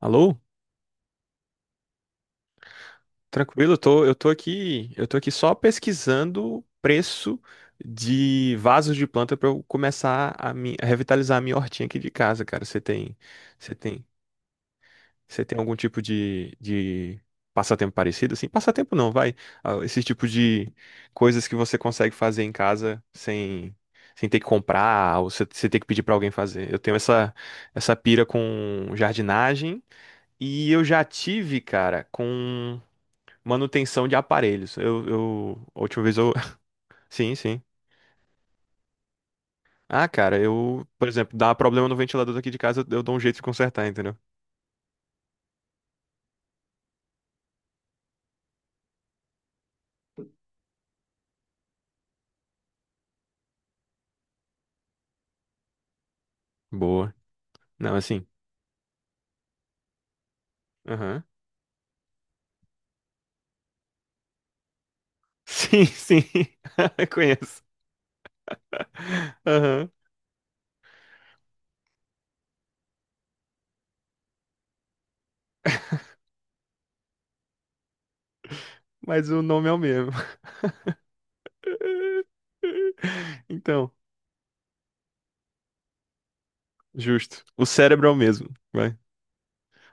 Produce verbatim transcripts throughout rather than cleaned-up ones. Alô? Tranquilo, eu tô, eu tô aqui, eu tô aqui só pesquisando preço de vasos de planta pra eu começar a, mi- a revitalizar a minha hortinha aqui de casa, cara. Você tem, você tem, você tem algum tipo de, de passatempo parecido? Assim, passatempo não, vai. Ah, esse tipo de coisas que você consegue fazer em casa sem, sem ter que comprar ou você, você ter que pedir pra alguém fazer. Eu tenho essa, essa pira com jardinagem. E eu já tive, cara, com. Manutenção de aparelhos. Eu, eu, a última vez eu. Sim, sim. Ah, cara, eu, por exemplo, dá problema no ventilador daqui de casa, eu dou um jeito de consertar, entendeu? Boa. Não, assim. Aham. Sim, sim. Conheço. Aham. Mas o nome é o mesmo. Então, justo. O cérebro é o mesmo, vai.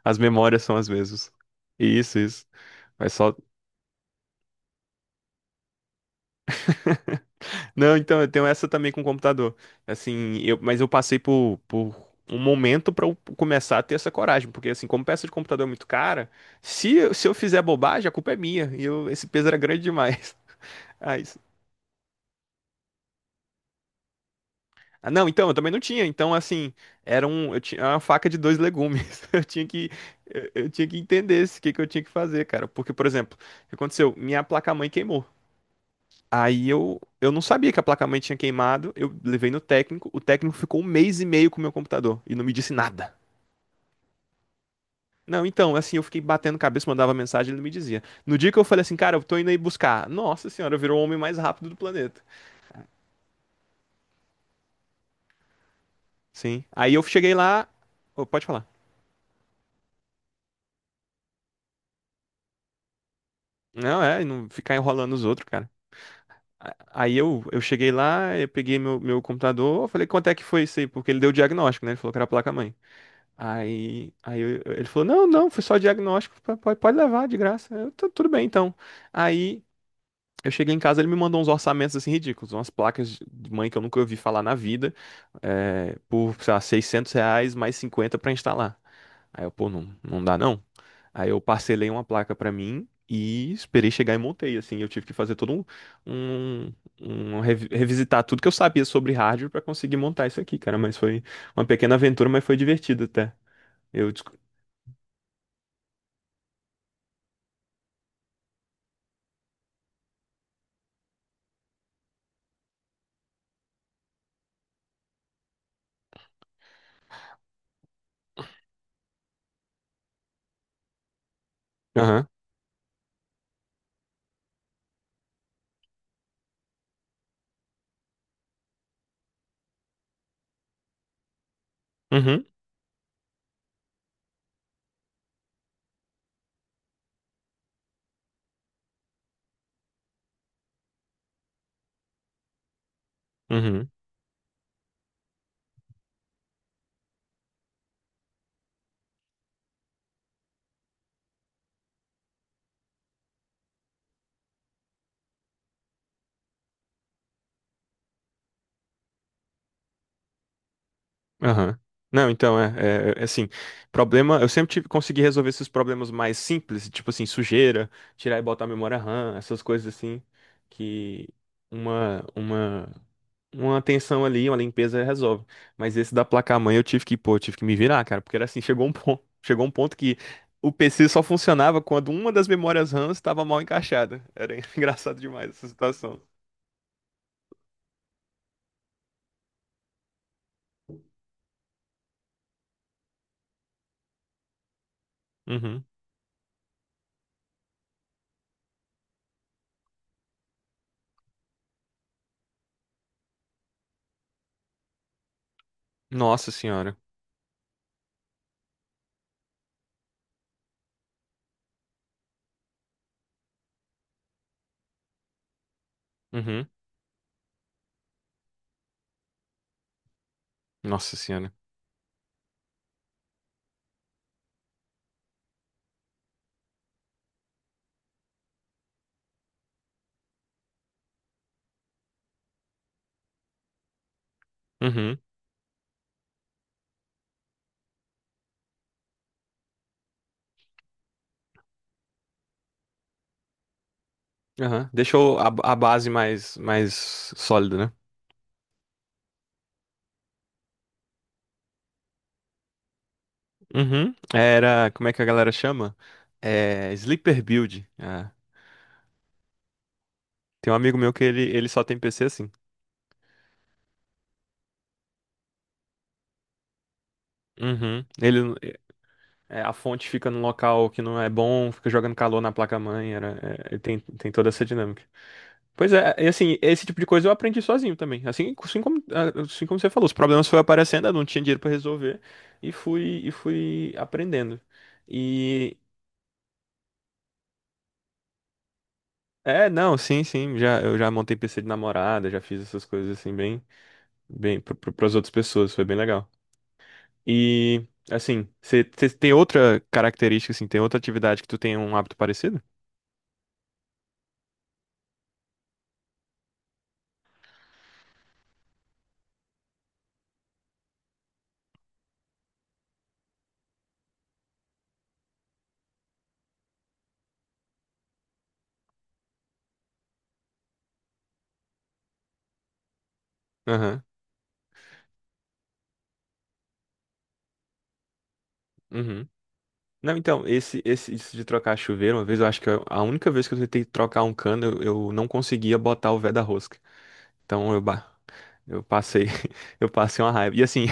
As memórias são as mesmas. Isso, isso. Mas só. Não, então eu tenho essa também com o computador. Assim, eu, mas eu passei por, por um momento pra eu começar a ter essa coragem, porque assim, como peça de computador é muito cara, se, eu- se eu fizer bobagem, a culpa é minha. E eu, esse peso era grande demais. Ah, isso. Ah, não, então eu também não tinha. Então, assim, era um, eu tinha uma faca de dois legumes. Eu tinha que, eu, eu tinha que entender esse, o que que eu tinha que fazer, cara. Porque, por exemplo, o que aconteceu? Minha placa-mãe queimou. Aí eu, eu não sabia que a placa-mãe tinha queimado, eu levei no técnico, o técnico ficou um mês e meio com o meu computador e não me disse nada. Não, então, assim, eu fiquei batendo cabeça, mandava mensagem, ele não me dizia. No dia que eu falei assim, cara, eu tô indo aí buscar. Nossa senhora, virou o homem mais rápido do planeta. Sim. Aí eu cheguei lá. Ô, pode falar. Não, é, não ficar enrolando os outros, cara. A- Aí eu, eu cheguei lá, eu peguei meu, meu computador, eu falei, quanto é que foi isso aí? Porque ele deu o diagnóstico, né? Ele falou que era a placa-mãe. Aí, aí eu- eu- ele falou: não, não, foi só diagnóstico, pa- pode, pode levar de graça. Eu, "Tá, tudo bem, então." Aí eu cheguei em casa, ele me mandou uns orçamentos assim ridículos, umas placas de de mãe que eu nunca ouvi falar na vida, é, por, sei lá, seiscentos reais mais cinquenta pra instalar. Aí eu, pô, não, não dá não. Aí eu parcelei uma placa pra mim e esperei chegar e montei. Assim, eu tive que fazer todo um, um, um revi- revisitar tudo que eu sabia sobre hardware pra conseguir montar isso aqui, cara. Mas foi uma pequena aventura, mas foi divertido até. Eu aham, uhum, uhum, aham. Não, então, é, é, é assim, problema, eu sempre tive, consegui resolver esses problemas mais simples, tipo assim, sujeira, tirar e botar a memória RAM, essas coisas assim, que uma, uma, uma atenção ali, uma limpeza resolve. Mas esse da placa-mãe eu tive que, pô, eu tive que me virar, cara, porque era assim, chegou um ponto, chegou um ponto que o P C só funcionava quando uma das memórias RAM estava mal encaixada. Era engraçado demais essa situação. Uhum. Nossa senhora. Uhum. Nossa senhora. Uhum. Aham. Deixou a, a base mais, mais sólida, né? Uhum. Era, como é que a galera chama? É, Sleeper Build. É. Tem um amigo meu que ele, ele só tem P C assim. Uhum. Ele, é, a fonte fica num local que não é bom, fica jogando calor na placa-mãe, era, é, é, tem, tem toda essa dinâmica. Pois é, e assim, esse tipo de coisa eu aprendi sozinho também. Assim, assim como, ah, assim como você falou, os problemas foram aparecendo, eu não tinha dinheiro pra resolver e fui, e fui aprendendo. E é, não, sim, sim, já, eu já montei P C de namorada, já fiz essas coisas assim bem, bem para as outras pessoas, foi bem legal. E assim, você tem outra característica assim, tem outra atividade que tu tem um hábito parecido? Aham. Uhum. Não, então, esse, esse isso de trocar chuveiro, uma vez eu acho que eu- a única vez que eu tentei trocar um cano, eu, eu não conseguia botar o vé da rosca. Então eu ba- eu passei, eu passei uma raiva. E assim,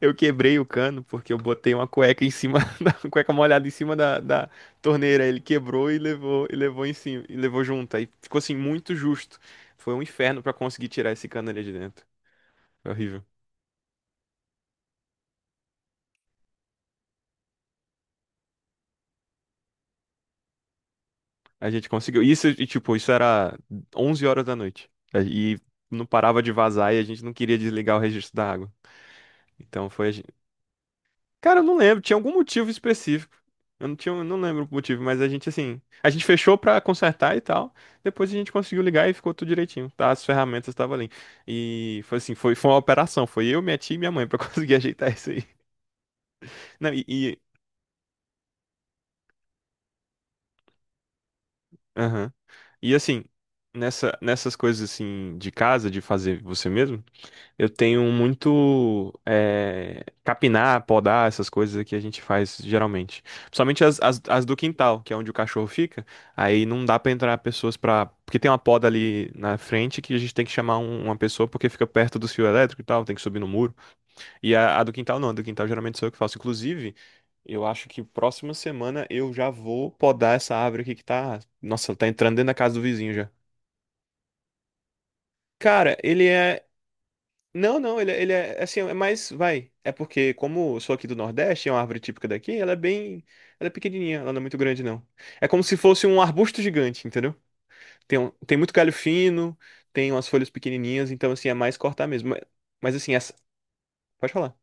eu quebrei o cano porque eu botei uma cueca em cima da uma cueca molhada em cima da, da torneira. Ele quebrou e levou e levou em cima e levou junto. Aí ficou assim muito justo. Foi um inferno pra conseguir tirar esse cano ali de dentro. Foi horrível. A gente conseguiu. Isso e tipo, isso era onze horas da noite. E não parava de vazar e a gente não queria desligar o registro da água. Então foi. Cara, eu não lembro, tinha algum motivo específico. Eu não tinha, eu não lembro o motivo, mas a gente assim, a gente fechou pra consertar e tal. Depois a gente conseguiu ligar e ficou tudo direitinho, tá? As ferramentas estavam ali. E foi assim, foi, foi uma operação, foi eu, minha tia e minha mãe pra conseguir ajeitar isso aí. Não, e, e, aham. E assim, nessa, nessas coisas assim de casa, de fazer você mesmo, eu tenho muito eh, capinar, podar, essas coisas que a gente faz geralmente. Principalmente as, as, as do quintal, que é onde o cachorro fica. Aí não dá pra entrar pessoas pra. Porque tem uma poda ali na frente que a gente tem que chamar um- uma pessoa porque fica perto do fio elétrico e tal, tem que subir no muro. E a, a do quintal não, a do quintal geralmente sou eu que faço. Inclusive, eu acho que próxima semana eu já vou podar essa árvore aqui que tá. Nossa, tá entrando dentro da casa do vizinho já. Cara, ele é. Não, não, ele, é- ele é assim, é mais, vai. É porque, como eu sou aqui do Nordeste, é uma árvore típica daqui, ela é bem. Ela é pequenininha, ela não é muito grande, não. É como se fosse um arbusto gigante, entendeu? Tem, um- tem muito galho fino, tem umas folhas pequenininhas, então, assim, é mais cortar mesmo. Mas, mas, assim, essa. Pode falar.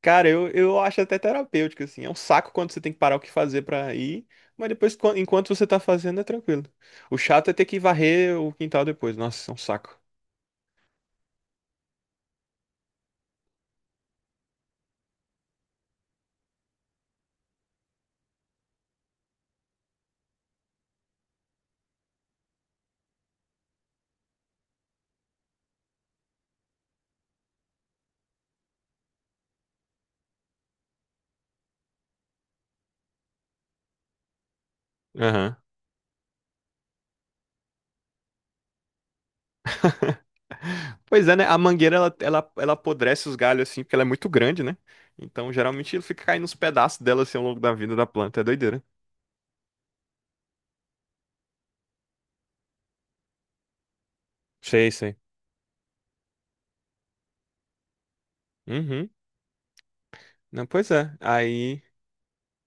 Cara, eu, eu acho até terapêutico, assim. É um saco quando você tem que parar o que fazer pra ir, mas depois, quan- enquanto você tá fazendo, é tranquilo. O chato é ter que varrer o quintal depois. Nossa, é um saco. Pois é, né? A mangueira ela, ela, ela apodrece os galhos assim, porque ela é muito grande, né? Então geralmente ele fica caindo os pedaços dela assim ao longo da vida da planta. É doideira. Sei, sei. Uhum. Não, pois é. Aí.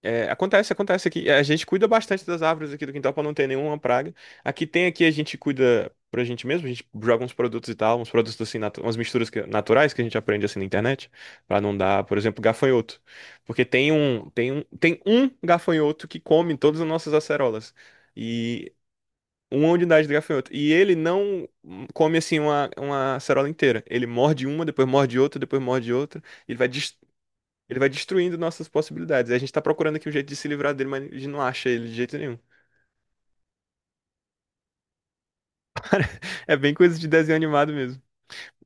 É, acontece, acontece aqui. É, a gente cuida bastante das árvores aqui do quintal para não ter nenhuma praga. Aqui tem aqui, a gente cuida pra gente mesmo, a gente joga uns produtos e tal, uns produtos assim, natu- umas misturas que- naturais que a gente aprende assim na internet, para não dar, por exemplo, gafanhoto. Porque tem um, tem um, tem um gafanhoto que come todas as nossas acerolas. E uma unidade de gafanhoto. E ele não come assim uma, uma acerola inteira. Ele morde uma, depois morde outra, depois morde outra. Ele vai ele vai destruindo nossas possibilidades. E a gente tá procurando aqui um jeito de se livrar dele, mas a gente não acha ele de jeito nenhum. É bem coisa de desenho animado mesmo.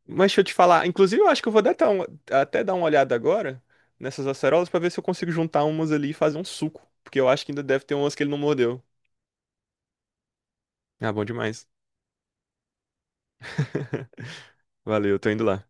Mas deixa eu te falar, inclusive eu acho que eu vou dar até, um- até dar uma olhada agora nessas acerolas pra ver se eu consigo juntar umas ali e fazer um suco. Porque eu acho que ainda deve ter umas que ele não mordeu. Ah, bom demais. Valeu, tô indo lá.